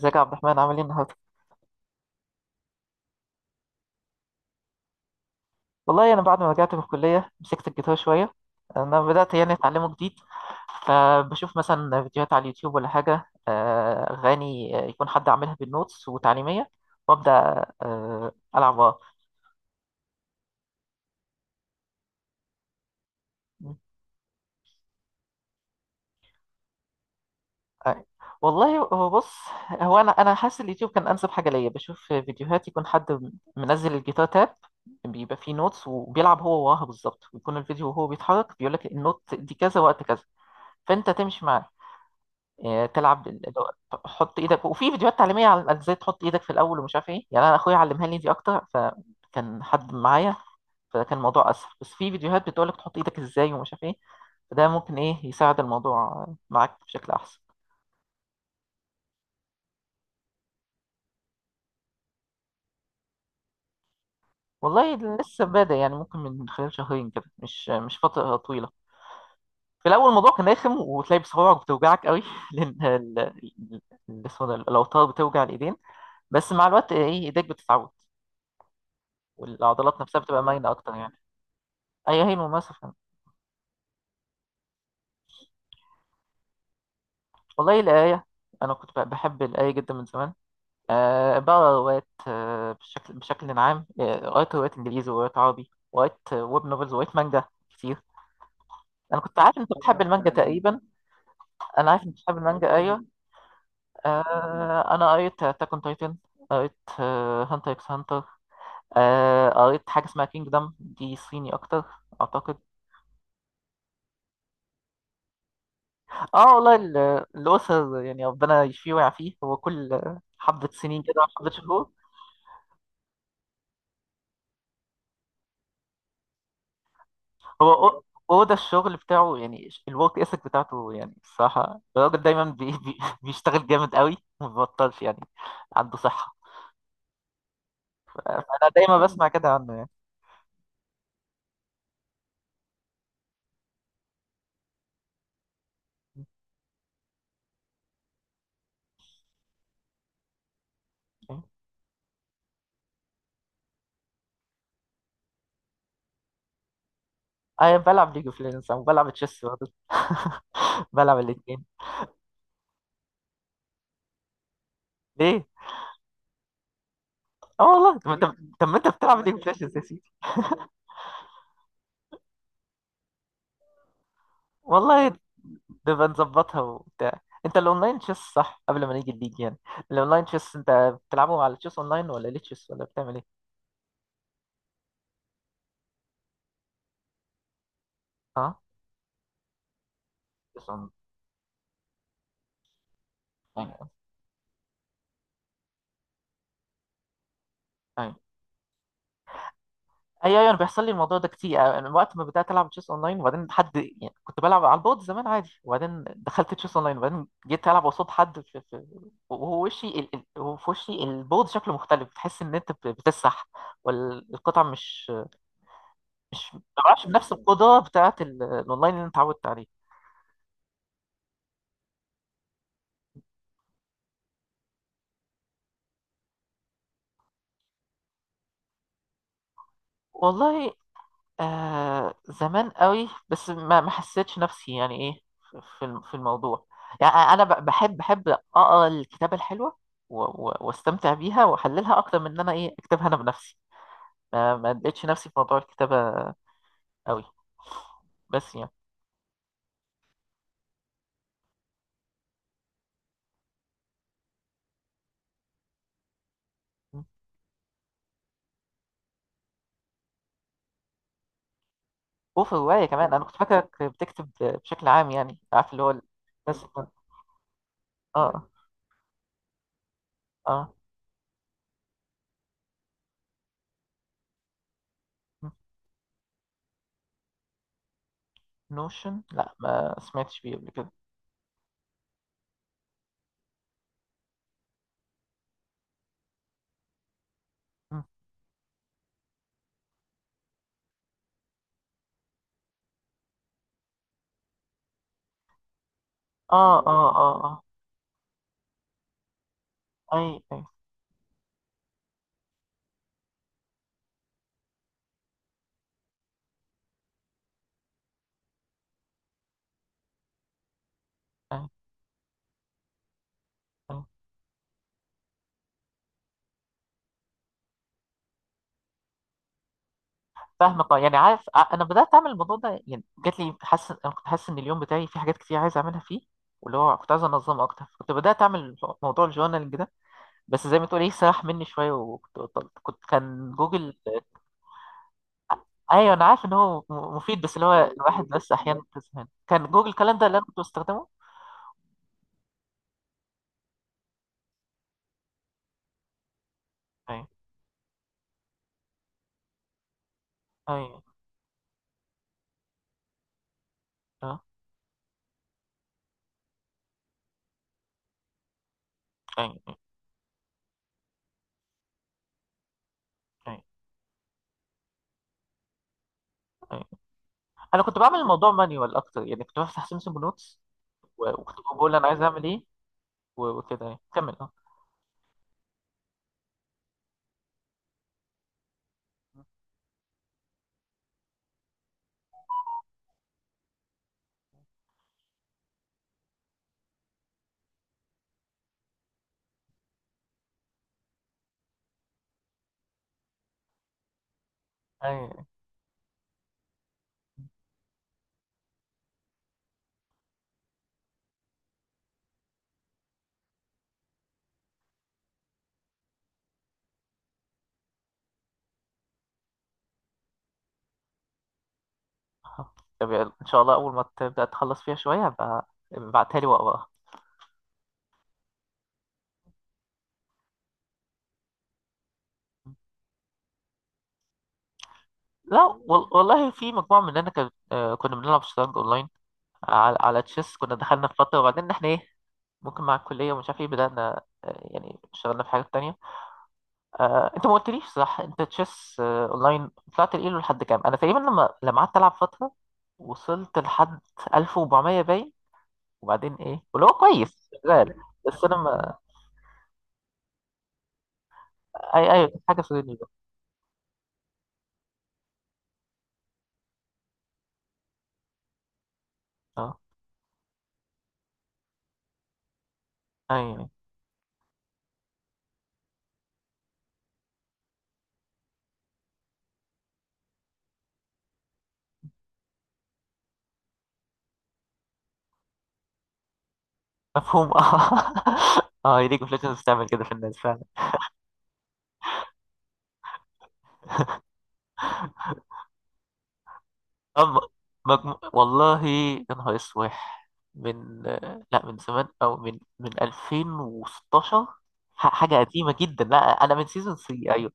ازيك يا عبد الرحمن عامل ايه النهارده؟ والله انا بعد ما رجعت من الكليه مسكت الجيتار شويه. انا بدات يعني اتعلمه جديد. فبشوف مثلا فيديوهات على اليوتيوب ولا حاجه، اغاني، يكون حد عاملها بالنوتس وتعليميه وابدا، العب وراه. آه، والله هو بص. هو انا حاسس اليوتيوب كان انسب حاجه ليا، بشوف فيديوهات يكون حد منزل الجيتار تاب، بيبقى فيه نوتس وبيلعب هو وراها بالظبط، ويكون الفيديو وهو بيتحرك بيقول لك النوت دي كذا وقت كذا، فانت تمشي معاه. تلعب حط ايدك. وفي فيديوهات تعليميه على على ازاي تحط ايدك في الاول ومش عارف ايه، يعني انا اخويا علمها لي دي اكتر فكان حد معايا، فكان الموضوع اسهل. بس في فيديوهات بتقولك تحط ايدك ازاي ومش عارف ايه، فده ممكن ايه يساعد الموضوع معاك بشكل احسن. والله لسه بادئ، يعني ممكن من خلال شهرين كده، مش فتره طويله. في الاول الموضوع كان رخم، وتلاقي بصوابعك بتوجعك قوي لان اسمه ده، الاوتار بتوجع الايدين. بس مع الوقت ايه ايديك بتتعود، والعضلات نفسها بتبقى مرنه اكتر يعني. أيوة، هي مثلا والله الآية. أنا كنت بحب الآية جدا من زمان. أه بقرا روايات، بشكل بشكل عام. قريت روايات إنجليزي وروايات عربي، وقريت، ويب نوفلز، وقريت مانجا كتير. أنا كنت عارف أنت بتحب المانجا تقريبا. أنا عارف أنت بتحب المانجا، أيوة. أه أنا قريت أتاك أون تايتن، قريت هانتر إكس هانتر، قريت حاجة اسمها كينجدم، دي صيني أكتر أعتقد. اه والله الأسر، يعني ربنا يشفيه ويعافيه، هو كل حبة سنين كده أو حبة شهور. هو أو- هو ده الشغل بتاعه يعني، الورك اثيك بتاعته يعني، الصراحة الراجل دايما بي بي بيشتغل جامد قوي وما بيبطلش يعني، عنده صحة. أنا دايما بسمع كده عنه يعني. أيوة، أنا بلعب ليج اوف ليجندز وبلعب تشيس برضه، بلعب الاتنين. ليه؟ اه والله طب انت، طب ما انت بتلعب ليج اوف ليجندز يا سيدي. والله نبقى نظبطها وبتاع. انت الاونلاين تشيس صح قبل ما نيجي الليج يعني، الاونلاين تشيس انت بتلعبه على تشيس اونلاين ولا ليه تشيس، ولا بتعمل ايه؟ اه، تشيس اونلاين. ايوه ايوه، انا بيحصل لي الموضوع ده كتير. انا وقت ما بدات العب تشيس اونلاين، وبعدين حد يعني كنت بلعب على البود زمان عادي، وبعدين دخلت تشيس اونلاين، وبعدين جيت العب قصاد حد في في، وهو وشي وهو في وشي البود شكله مختلف، بتحس ان انت بتسح، والقطع مش مش ما بعرفش بنفس القدره بتاعت الاونلاين اللي انت اتعودت عليه. والله آه زمان قوي، بس ما حسيتش نفسي يعني ايه في في الموضوع. يعني انا بحب اقرا الكتابه الحلوه و- و- واستمتع بيها واحللها اكتر من ان انا ايه اكتبها انا بنفسي. ما لقيتش نفسي في موضوع الكتابه قوي، بس يعني. وفي الروايه كمان انا كنت فاكرك بتكتب بشكل عام، يعني عارف اللي هو بس. اه اه، نوشن، لا ما سمعتش بيه قبل كده. اه اه اه، اه اي اي اي. فاهمك اه، يعني عارف انا بدات اعمل الموضوع ده. يعني جات لي حاسس، انا كنت حاسس ان اليوم بتاعي في حاجات كتير عايز اعملها فيه، واللي هو كنت عايز انظم اكتر. كنت بدات اعمل موضوع الجورنالينج ده، بس زي ما تقول ايه، سرح مني شويه وكنت بطلت. كنت كان جوجل. ايوه انا عارف ان هو مفيد، بس اللي هو الواحد بس احيانا بتزهق. كان جوجل كالندر اللي انا كنت بستخدمه. ايوه ايوه، اه ايوه ايوه ايوه. أيوة. انا كنت بعمل الموضوع مانيوال اكتر، يعني كنت بفتح سامسونج نوتس، و- وكنت بقول انا عايز اعمل ايه وكده، يعني كمل اه. ايوه طب يلا، ان شاء الله اول ما تبدا تخلص فيها شويه بقى ابعتها لي واقراها. لا والله في مجموعه مننا كان، كنا بنلعب شطرنج اونلاين على على تشيس. كنا دخلنا في فتره، وبعدين احنا ايه، ممكن مع الكليه ومش عارف ايه، بدانا، يعني اشتغلنا في حاجات تانية. انت ما قلتليش صح، انت تشيس، اونلاين، طلعت الايلو لحد كام؟ انا تقريبا لما لما قعدت العب فتره وصلت لحد 1400 باين. وبعدين ايه، واللي هو كويس شغال. بس انا ما، اي ايوه، كانت حاجه في الرينج ده. اه ايوه، مفهوم اه. اه، هي ليج اوف ليجندز بتعمل كده في الناس فعلا. اما والله يا نهار اسوح، من، لا من زمان، او من 2016، حاجه قديمه جدا لا. انا من سيزون 3، ايوه.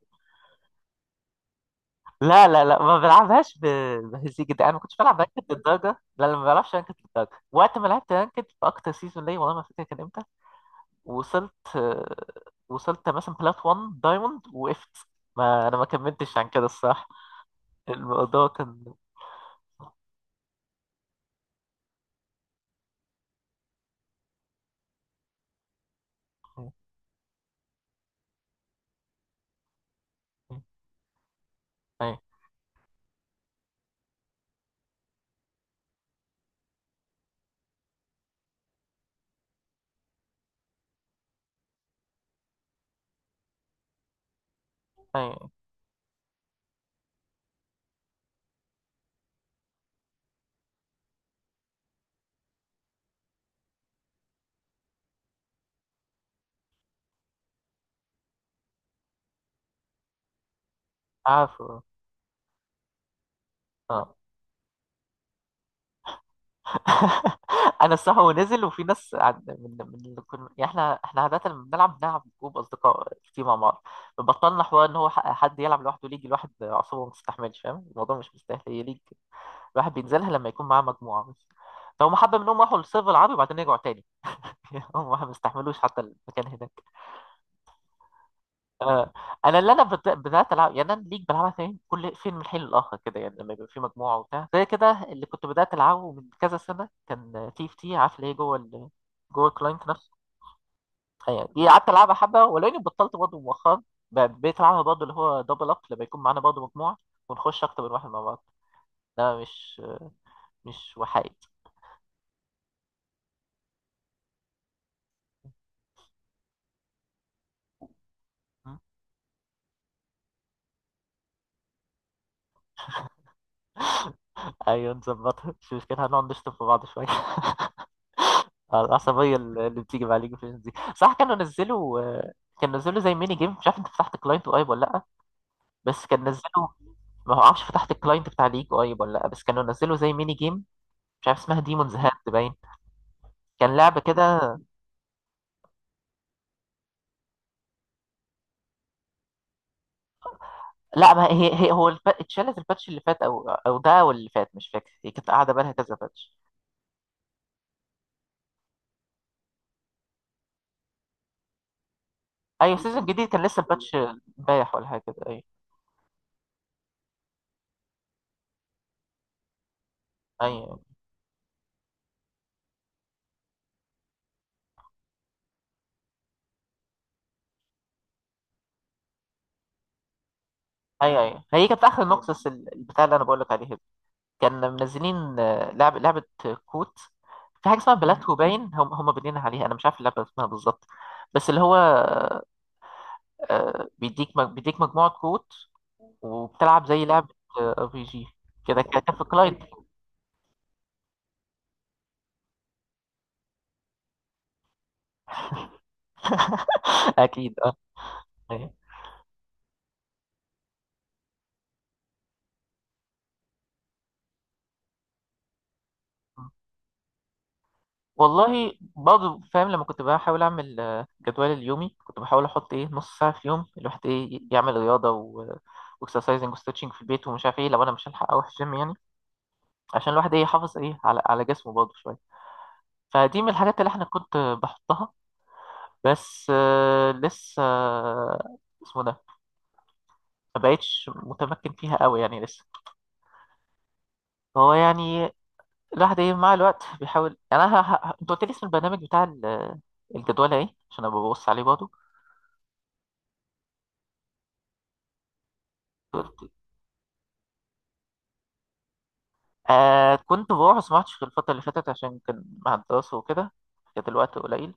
لا لا لا، ما بلعبهاش بهزيج ده. انا ما كنتش بلعب رانكد للدرجه، لا لا ما بلعبش رانكد للدرجه. وقت ما لعبت رانكد في اكتر سيزون ليا، والله ما فاكر كان امتى، وصلت، وصلت مثلا بلات 1 دايموند وقفت، ما انا ما كملتش عن كده الصراحه. الموضوع كان أيوة، أيوة، عفو، اه. انا الصح، ونزل، وفي ناس من اللي كنا يعني، احنا احنا عاده لما بنلعب بنلعب جروب اصدقاء كتير مع بعض، فبطلنا حوار ان هو حد يلعب لوحده ليج. الواحد اعصابه ما تستحملش، فاهم؟ الموضوع مش مستاهل. هي ليج الواحد بينزلها لما يكون معاه مجموعه بس. فهم حبه منهم راحوا للسيرفر العربي وبعدين رجعوا تاني. هم ما استحملوش حتى المكان هناك. انا اللي انا بدات العب، يعني انا ليج بلعبها فين كل فين من حين لاخر كده يعني، لما يبقى في مجموعه وبتاع زي كده. اللي كنت بدات العبه من كذا سنه كان تي اف تي، عارف اللي هي جوه جوه الكلاينت نفسه، يعني دي قعدت العبها حبه ولاني بطلت برضه مؤخرا. بقيت العبها برضه، اللي هو دبل اب لما يكون معانا برضه مجموعه ونخش اكتر من واحد مع بعض. ده مش وحيد. م؟ ايوه نظبطها مش مشكلة. هنقعد نشتم في بعض شويه. العصبيه اللي بتيجي مع ليج اوف ليجندز دي صح. كانوا نزلوا، كانوا نزلوا زي ميني جيم، مش عارف انت فتحت كلاينت وايب ولا لا، بس كان نزله. ما هو عارفش فتحت الكلاينت بتاع ليج قريب ولا لا، بس كانوا نزلوا زي ميني جيم، مش عارف اسمها ديمونز هات باين، كان لعبه كده. لا ما هي، هي هو اتشالت الباتش اللي فات، او او ده او اللي فات مش فاكر، هي كانت قاعده بالها كذا باتش. ايوه سيزون جديد، كان لسه الباتش امبارح ولا حاجه كده، ايوه ايوه ايوه ايوه. هي كانت اخر نوكسس البتاع اللي انا بقول لك عليه ده. كان منزلين، لعب لعبه كوت، في حاجه اسمها بلاتو باين. هم هم بنينا عليها، انا مش عارف اللعبه اسمها بالظبط، بس اللي هو، بيديك مجموعه كروت وبتلعب زي لعبة ار بي جي كده كده، في كلايد. اكيد اه. أيوة. والله برضه فاهم. لما كنت بحاول اعمل، جدول اليومي، كنت بحاول احط ايه نص ساعه في يوم الواحد ايه يعمل رياضه، و واكسرسايزنج وستريتشنج في البيت ومش عارف ايه، لو انا مش هلحق اروح الجيم يعني، عشان الواحد ايه يحافظ ايه على على جسمه برضه شويه. فدي من الحاجات اللي احنا كنت بحطها. بس، آه، لسه آه، اسمه ده، ما بقتش متمكن فيها قوي يعني لسه. هو يعني الواحد ايه مع الوقت بيحاول. يعني انا انت قلت لي اسم البرنامج بتاع الجدول ايه عشان ابقى ببص عليه برضه. قلت- آه كنت بروح، بس ما عدتش في الفترة اللي فاتت عشان كان مع الدراسة وكده، كانت الوقت قليل.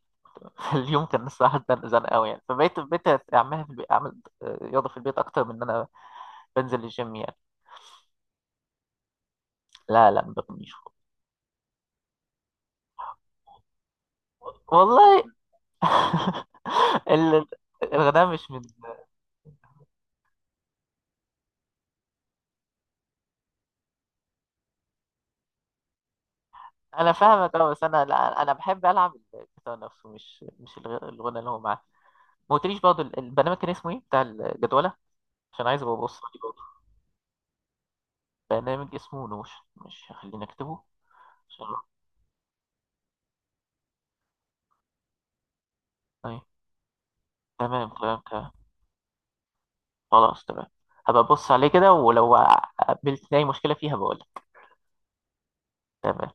اليوم كان الصراحة زنق قوي يعني، فبقيت أعملها في البيت. أعمل، رياضة في البيت أكتر من إن أنا بنزل الجيم يعني. لا لا ما بغنيش. والله ال- الغناء مش من. أنا فاهمك أه، بس أنا لا، أنا بحب ألعب الجيتار نفسه، مش مش الغنى اللي هو معاه. ما قلتليش برضه البرنامج كان اسمه ايه بتاع الجدولة، عشان عايز ابقى ابص عليه برضه. برنامج اسمه نوش، مش هخليني اكتبه عشان أيوة. تمام تمام تمام. خلاص تمام، هبقى ابص عليه كده، ولو قابلت اي مشكلة فيها بقول لك. تمام.